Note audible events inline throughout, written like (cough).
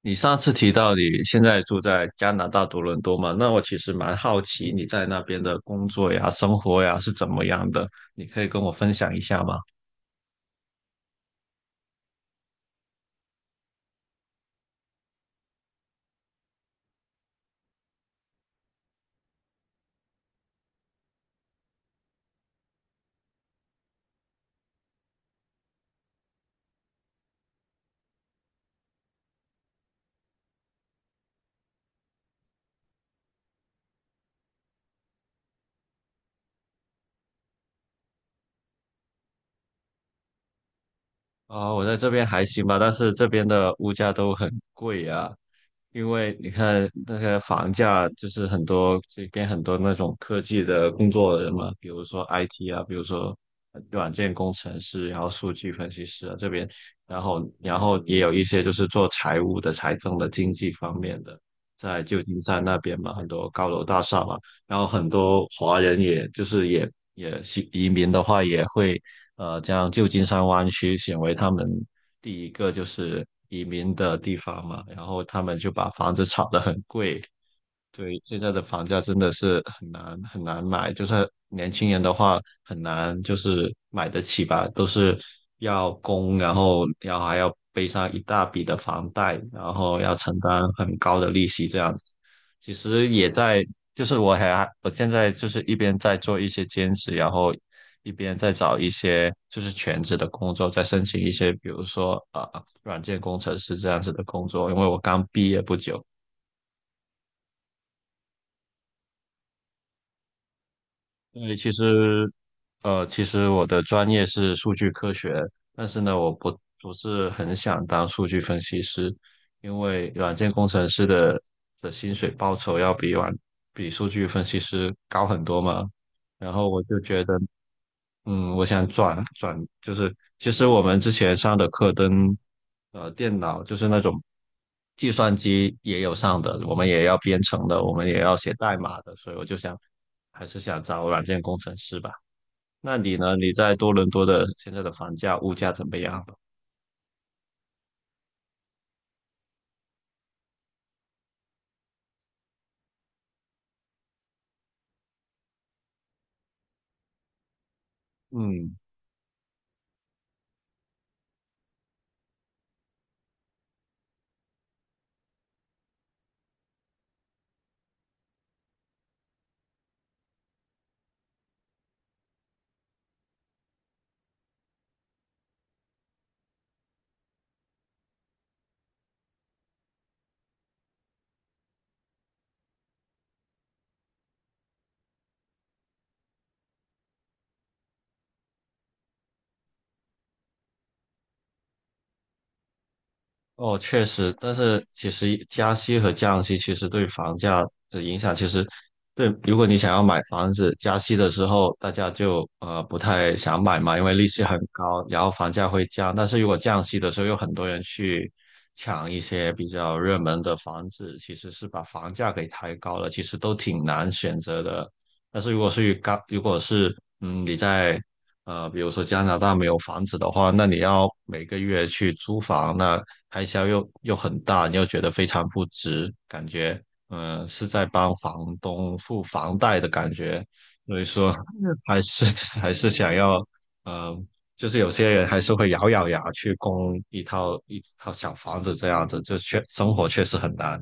你上次提到你现在住在加拿大多伦多嘛？那我其实蛮好奇你在那边的工作呀、生活呀是怎么样的，你可以跟我分享一下吗？啊、我在这边还行吧，但是这边的物价都很贵呀、因为你看那个房价，就是很多这边很多那种科技的工作人嘛，比如说 IT 啊，比如说软件工程师，然后数据分析师啊这边，然后也有一些就是做财务的、财政的、经济方面的，在旧金山那边嘛，很多高楼大厦嘛，然后很多华人也就是也是移民的话，也会将旧金山湾区选为他们第一个就是移民的地方嘛，然后他们就把房子炒得很贵。对，现在的房价真的是很难很难买，就是年轻人的话很难就是买得起吧，都是要供，然后要还要背上一大笔的房贷，然后要承担很高的利息这样子。其实也在，就是我现在就是一边在做一些兼职，然后一边在找一些就是全职的工作，在申请一些比如说软件工程师这样子的工作，因为我刚毕业不久。对，其实，其实我的专业是数据科学，但是呢，我不不是很想当数据分析师，因为软件工程师的的薪水报酬要比数据分析师高很多嘛。然后我就觉得，嗯，我想转转，就是其实我们之前上的课跟电脑，就是那种计算机也有上的，我们也要编程的，我们也要写代码的，所以我就想还是想找软件工程师吧。那你呢？你在多伦多的现在的房价、物价怎么样？嗯。哦，确实，但是其实加息和降息其实对房价的影响，其实对，如果你想要买房子，加息的时候大家就不太想买嘛，因为利息很高，然后房价会降。但是如果降息的时候，有很多人去抢一些比较热门的房子，其实是把房价给抬高了，其实都挺难选择的。但是如果是高，如果是你在比如说加拿大没有房子的话，那你要每个月去租房，那开销又很大，你又觉得非常不值，感觉是在帮房东付房贷的感觉，所以说还是 (laughs) 还是想要呃，就是有些人还是会咬咬牙去供一套小房子这样子，就生活确实很难。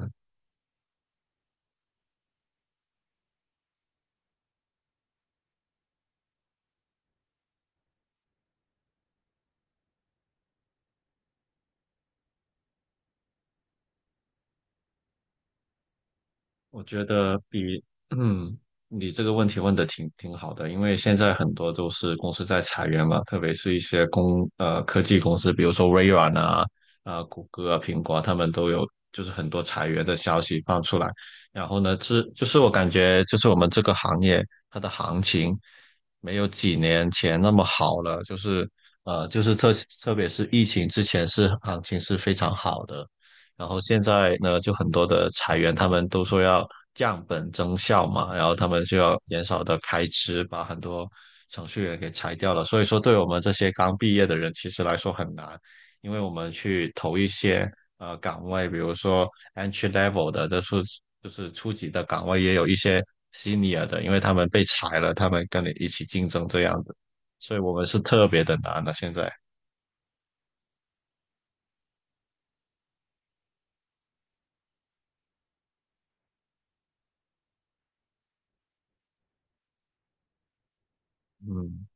我觉得比，嗯，你这个问题问的挺好的，因为现在很多都是公司在裁员嘛，特别是一些科技公司，比如说微软啊、啊、谷歌啊、苹果啊，他们都有就是很多裁员的消息放出来。然后呢，这就是我感觉就是我们这个行业它的行情没有几年前那么好了，就是呃就是特特别是疫情之前是行情是非常好的。然后现在呢，就很多的裁员，他们都说要降本增效嘛，然后他们就要减少的开支，把很多程序员给裁掉了。所以说，对我们这些刚毕业的人，其实来说很难，因为我们去投一些岗位，比如说 entry level 的，就是初级的岗位，也有一些 senior 的，因为他们被裁了，他们跟你一起竞争这样子，所以我们是特别的难的现在。嗯，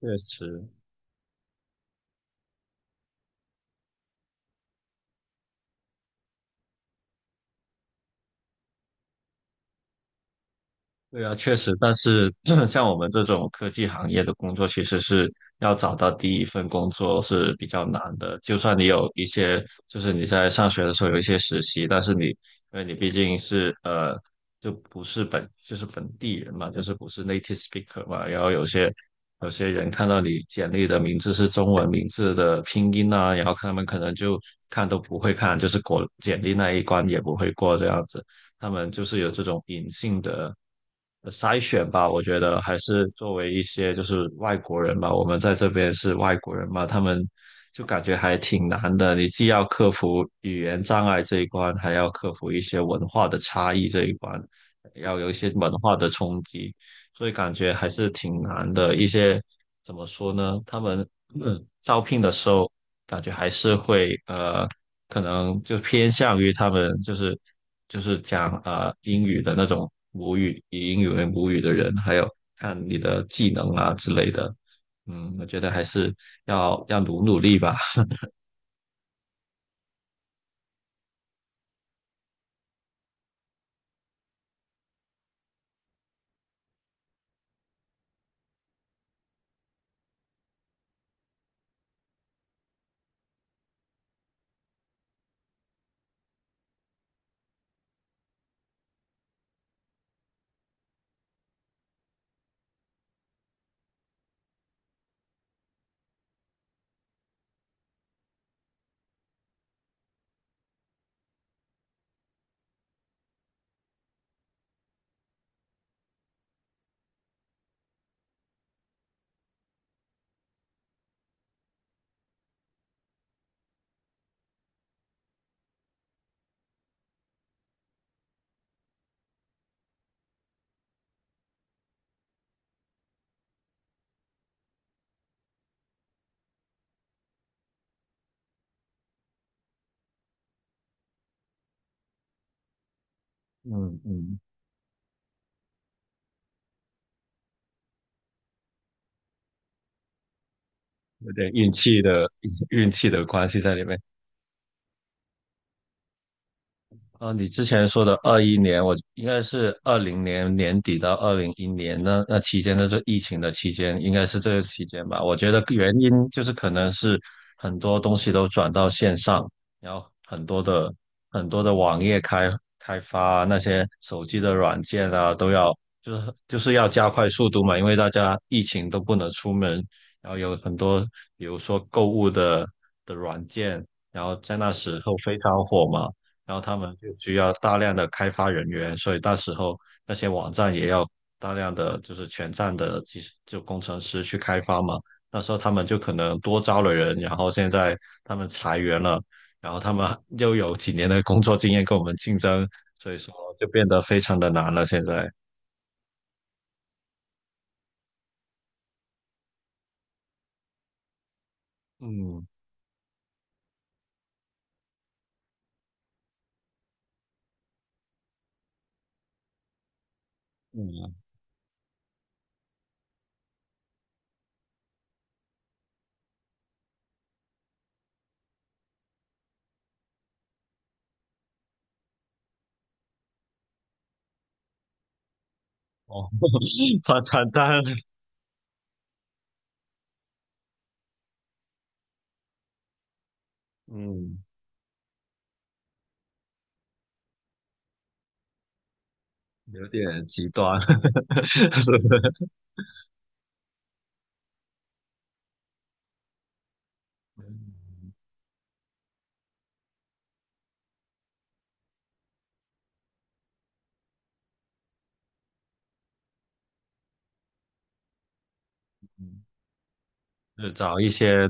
确实。对啊，确实，但是 (clears throat) 像我们这种科技行业的工作，其实是要找到第一份工作是比较难的。就算你有一些，就是你在上学的时候有一些实习，但是你，因为你毕竟是就不是本，就是本地人嘛，就是不是 native speaker 嘛，然后有些人看到你简历的名字是中文名字的拼音啊，然后他们可能就看都不会看，就是过简历那一关也不会过这样子。他们就是有这种隐性的筛选吧。我觉得还是作为一些就是外国人吧，我们在这边是外国人嘛，他们就感觉还挺难的。你既要克服语言障碍这一关，还要克服一些文化的差异这一关，要有一些文化的冲击，所以感觉还是挺难的。一些怎么说呢？他们 (clears throat) 嗯招聘的时候感觉还是会可能就偏向于他们就是讲英语的那种母语，以英语为母语的人，还有看你的技能啊之类的。嗯，我觉得还是要努努力吧。嗯嗯，有点运气的 (laughs) 运气的关系在里面。你之前说的二一年，我应该是二零年年底到二零一年那期间，那就疫情的期间，应该是这个期间吧。我觉得原因就是可能是很多东西都转到线上，然后很多的很多的网页开发啊那些手机的软件啊，都要就是要加快速度嘛，因为大家疫情都不能出门，然后有很多比如说购物的的软件。时候非常火嘛，然后他们就需要大量的开发人员，所以那时候那些网站也要大量的就是全站的技术就工程师去开发嘛。那时候他们就可能多招了人，然后现在他们裁员了，然后他们又有几年的工作经验跟我们竞争，所以说就变得非常的难了。现在，嗯嗯，哦，(laughs) 发传单，嗯，有点极端，(laughs) 是不是就找一些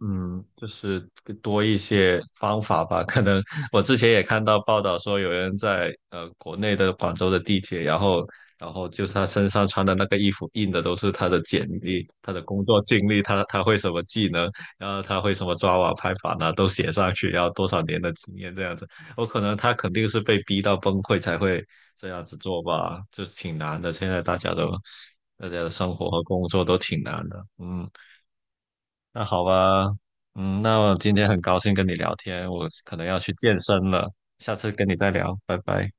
嗯，就是多一些方法吧。可能我之前也看到报道说，有人在国内的广州的地铁，然后然后就是他身上穿的那个衣服印的都是他的简历、他的工作经历、他他会什么技能，然后他会什么抓瓦拍法呢，都写上去，然后多少年的经验这样子。我可能他肯定是被逼到崩溃才会这样子做吧，就是挺难的。现在大家的生活和工作都挺难的，嗯。那好吧，嗯，那我今天很高兴跟你聊天，我可能要去健身了，下次跟你再聊，拜拜。